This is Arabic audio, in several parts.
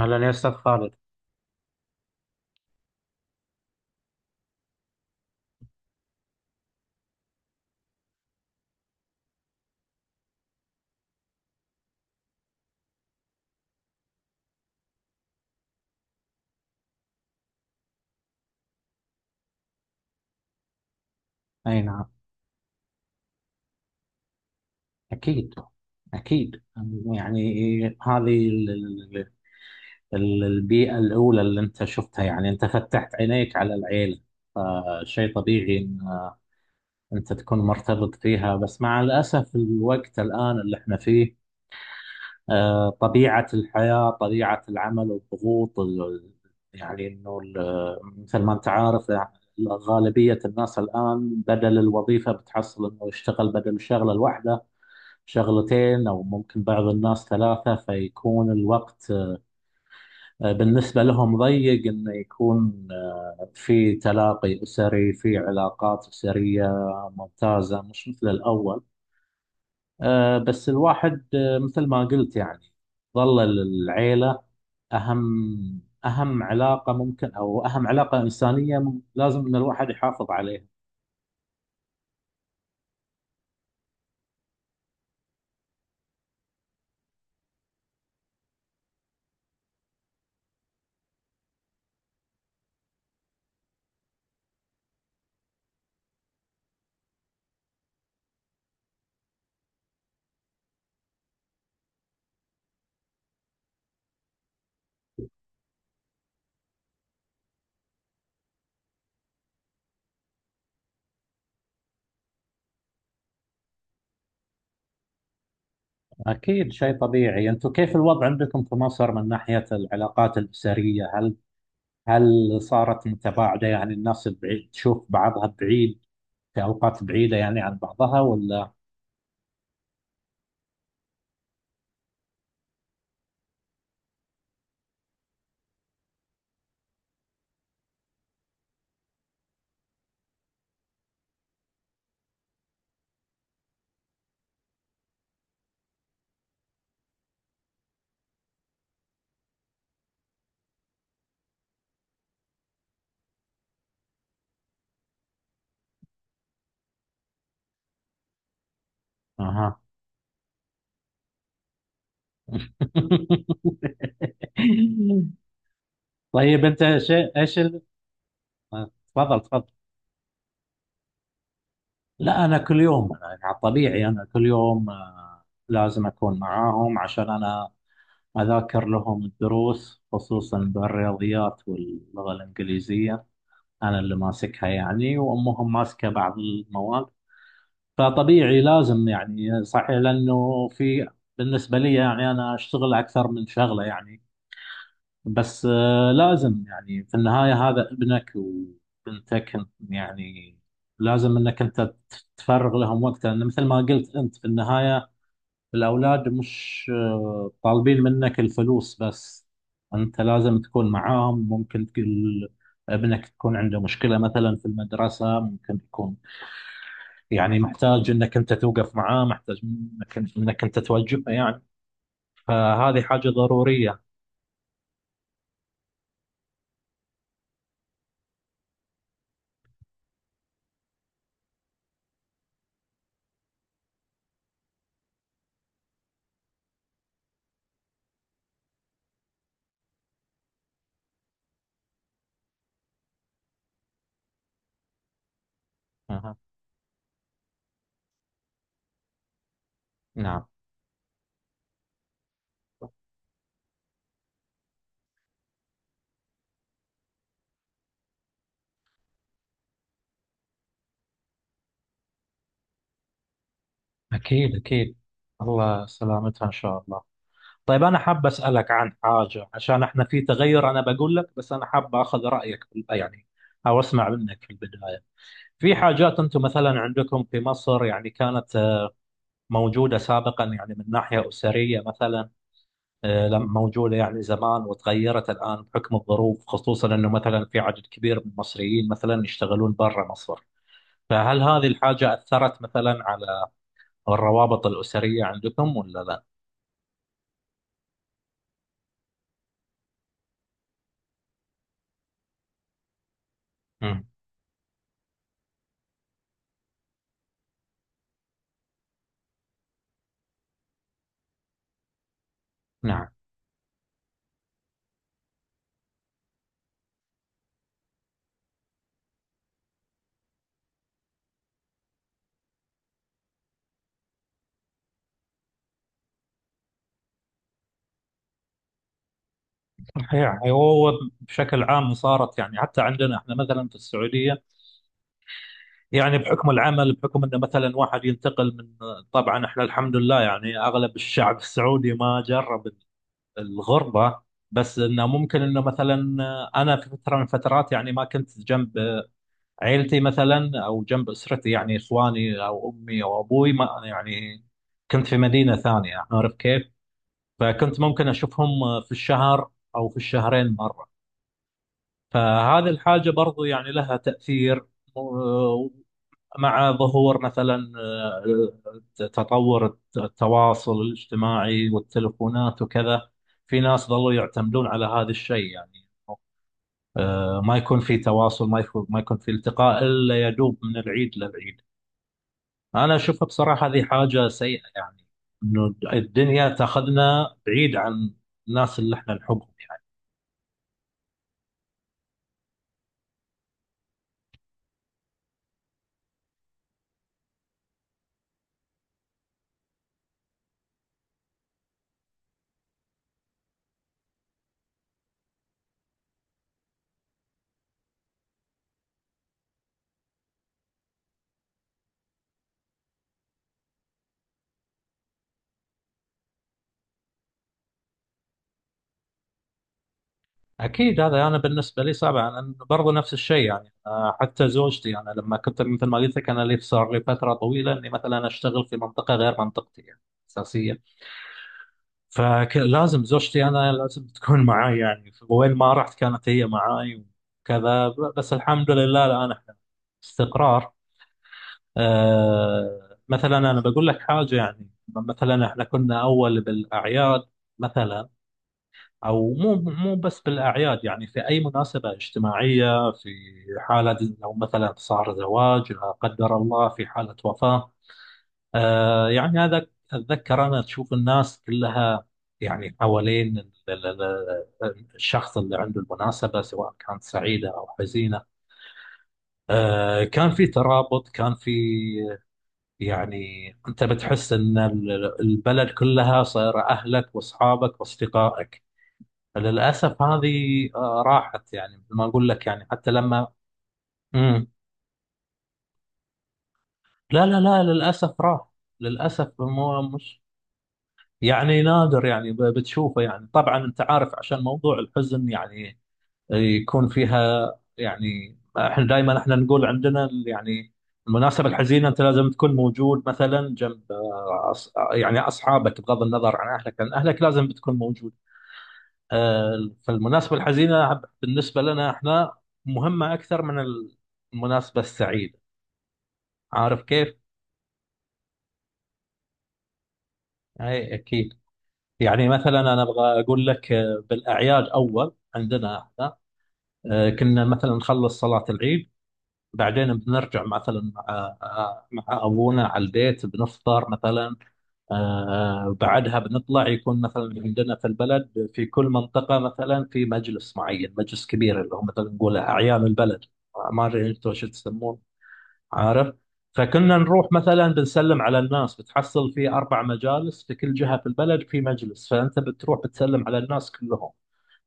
هلا يا أستاذ خالد. أي نعم. أكيد. أكيد. يعني هذه البيئة الأولى اللي أنت شفتها، يعني أنت فتحت عينيك على العيلة، فشيء طبيعي أن أنت تكون مرتبط فيها، بس مع الأسف الوقت الآن اللي احنا فيه، طبيعة الحياة، طبيعة العمل والضغوط يعني مثل ما أنت عارف، غالبية الناس الآن بدل الوظيفة بتحصل أنه يشتغل بدل الشغلة الواحدة شغلتين، أو ممكن بعض الناس ثلاثة، فيكون الوقت بالنسبة لهم ضيق إنه يكون في تلاقي أسري، في علاقات أسرية ممتازة، مش مثل الأول. بس الواحد، مثل ما قلت يعني، ظل العيلة أهم علاقة ممكن، أو أهم علاقة إنسانية لازم إن الواحد يحافظ عليها. أكيد، شيء طبيعي. أنتم كيف الوضع عندكم في مصر من ناحية العلاقات الأسرية؟ هل صارت متباعدة؟ يعني الناس البعيد تشوف بعضها بعيد، في أوقات بعيدة يعني عن بعضها، ولا؟ أها. طيب، أنت شيء إيش تفضل، تفضل. لا، أنا كل يوم، أنا يعني على الطبيعي أنا كل يوم لازم أكون معاهم، عشان أنا أذاكر لهم الدروس، خصوصا بالرياضيات واللغة الإنجليزية، أنا اللي ماسكها يعني، وأمهم ماسكة بعض المواد. فطبيعي لازم، يعني صحيح لانه في، بالنسبه لي يعني انا اشتغل اكثر من شغله، يعني بس لازم، يعني في النهايه هذا ابنك وبنتك انت، يعني لازم انك انت تفرغ لهم وقت، لان مثل ما قلت انت في النهايه الاولاد مش طالبين منك الفلوس بس، انت لازم تكون معاهم. ممكن تقول ابنك تكون عنده مشكله مثلا في المدرسه، ممكن يكون يعني محتاج انك انت توقف معاه، محتاج انك انت توجهه يعني، فهذه حاجة ضرورية. أها. نعم. اكيد. اكيد. الله سلامتها ان شاء الله. طيب انا حاب اسالك عن حاجة، عشان احنا في تغير، انا بقول لك، بس انا حاب اخذ رايك يعني، او اسمع منك في البداية. في حاجات انتم مثلا عندكم في مصر، يعني كانت موجودة سابقا، يعني من ناحية أسرية مثلا، موجودة يعني زمان وتغيرت الآن بحكم الظروف، خصوصا أنه مثلا في عدد كبير من المصريين مثلا يشتغلون برا مصر، فهل هذه الحاجة أثرت مثلا على الروابط الأسرية عندكم ولا لا؟ مم. نعم. صحيح، هو بشكل عام صارت، يعني حتى عندنا احنا مثلا في السعوديه، يعني بحكم العمل، بحكم انه مثلا واحد ينتقل من، طبعا احنا الحمد لله يعني اغلب الشعب السعودي ما جرب الغربة، بس انه ممكن انه مثلا، انا في فترة من الفترات يعني ما كنت جنب عيلتي مثلا، او جنب اسرتي، يعني اخواني او امي او ابوي، ما يعني كنت في مدينة ثانية، عارف كيف؟ فكنت ممكن اشوفهم في الشهر او في الشهرين مرة. فهذه الحاجة برضو يعني لها تأثير، مع ظهور مثلا، تطور التواصل الاجتماعي والتلفونات وكذا، في ناس ظلوا يعتمدون على هذا الشيء، يعني ما يكون في تواصل، ما يكون في التقاء الا يدوب من العيد للعيد. انا اشوفها بصراحه هذه حاجه سيئه، يعني انه الدنيا تاخذنا بعيد عن الناس اللي احنا نحبهم. اكيد، هذا انا بالنسبه لي صعب، لان برضو نفس الشيء يعني. حتى زوجتي، انا لما كنت مثل ما قلت لك، انا لي صار لي فتره طويله اني مثلا اشتغل في منطقه غير منطقتي، يعني اساسيه، فلازم زوجتي، انا لازم تكون معاي، يعني وين ما رحت كانت هي معاي، وكذا بس الحمد لله الان احنا استقرار. مثلا انا بقول لك حاجه، يعني مثلا احنا كنا اول بالاعياد مثلا، او مو بس بالاعياد، يعني في اي مناسبه اجتماعيه، في حاله لو مثلا صار زواج، لا قدر الله في حاله وفاه، آه يعني هذا، اتذكر انا، تشوف الناس كلها يعني حوالين الشخص اللي عنده المناسبه، سواء كانت سعيده او حزينه، كان في ترابط، كان في، يعني انت بتحس ان البلد كلها صايره اهلك واصحابك واصدقائك. للأسف هذه راحت، يعني مثل ما أقول لك، يعني حتى لما... مم. لا، لا، لا، للأسف راح. للأسف، مو، مش يعني نادر، يعني بتشوفه. يعني طبعا أنت عارف، عشان موضوع الحزن، يعني يكون فيها، يعني احنا دائما احنا نقول عندنا يعني المناسبة الحزينة أنت لازم تكون موجود، مثلا جنب يعني أصحابك، بغض النظر عن أهلك، لأن أهلك لازم بتكون موجود. فالمناسبة الحزينة بالنسبة لنا احنا مهمة أكثر من المناسبة السعيدة، عارف كيف؟ أي أكيد. يعني مثلا أنا أبغى أقول لك، بالأعياد أول عندنا احنا كنا مثلا نخلص صلاة العيد، بعدين بنرجع مثلا مع مع أبونا على البيت، بنفطر مثلا، بعدها بنطلع، يكون مثلا عندنا في البلد، في كل منطقة مثلا في مجلس معين، مجلس كبير اللي هو مثلا نقول أعيان البلد، ما أدري أنتم شو تسمون. عارف، فكنا نروح مثلا بنسلم على الناس، بتحصل في أربع مجالس، في كل جهة في البلد في مجلس، فأنت بتروح بتسلم على الناس كلهم.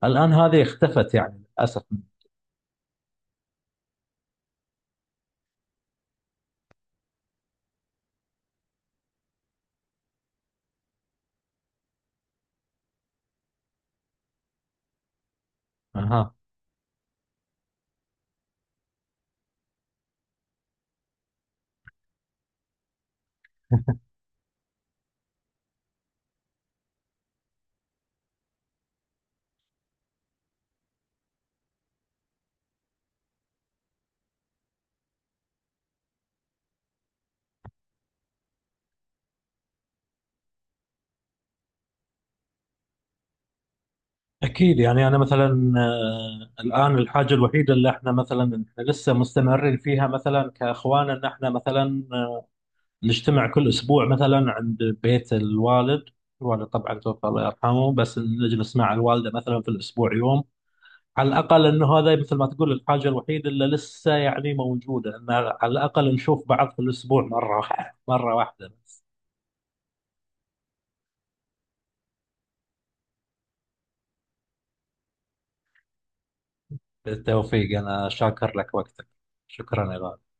الآن هذه اختفت، يعني للأسف. أها. أكيد، يعني أنا مثلا الآن الحاجة الوحيدة اللي احنا مثلا احنا لسه مستمرين فيها مثلا كأخوان، إن احنا مثلا نجتمع كل أسبوع مثلا عند بيت الوالد. الوالد طبعا توفى الله يرحمه، بس نجلس مع الوالدة مثلا في الأسبوع يوم على الأقل، أنه هذا مثل ما تقول الحاجة الوحيدة اللي لسه يعني موجودة، أن على الأقل نشوف بعض في الأسبوع مرة واحدة، مرة واحدة. بالتوفيق، أنا شاكر لك وقتك. شكرا يا غالي.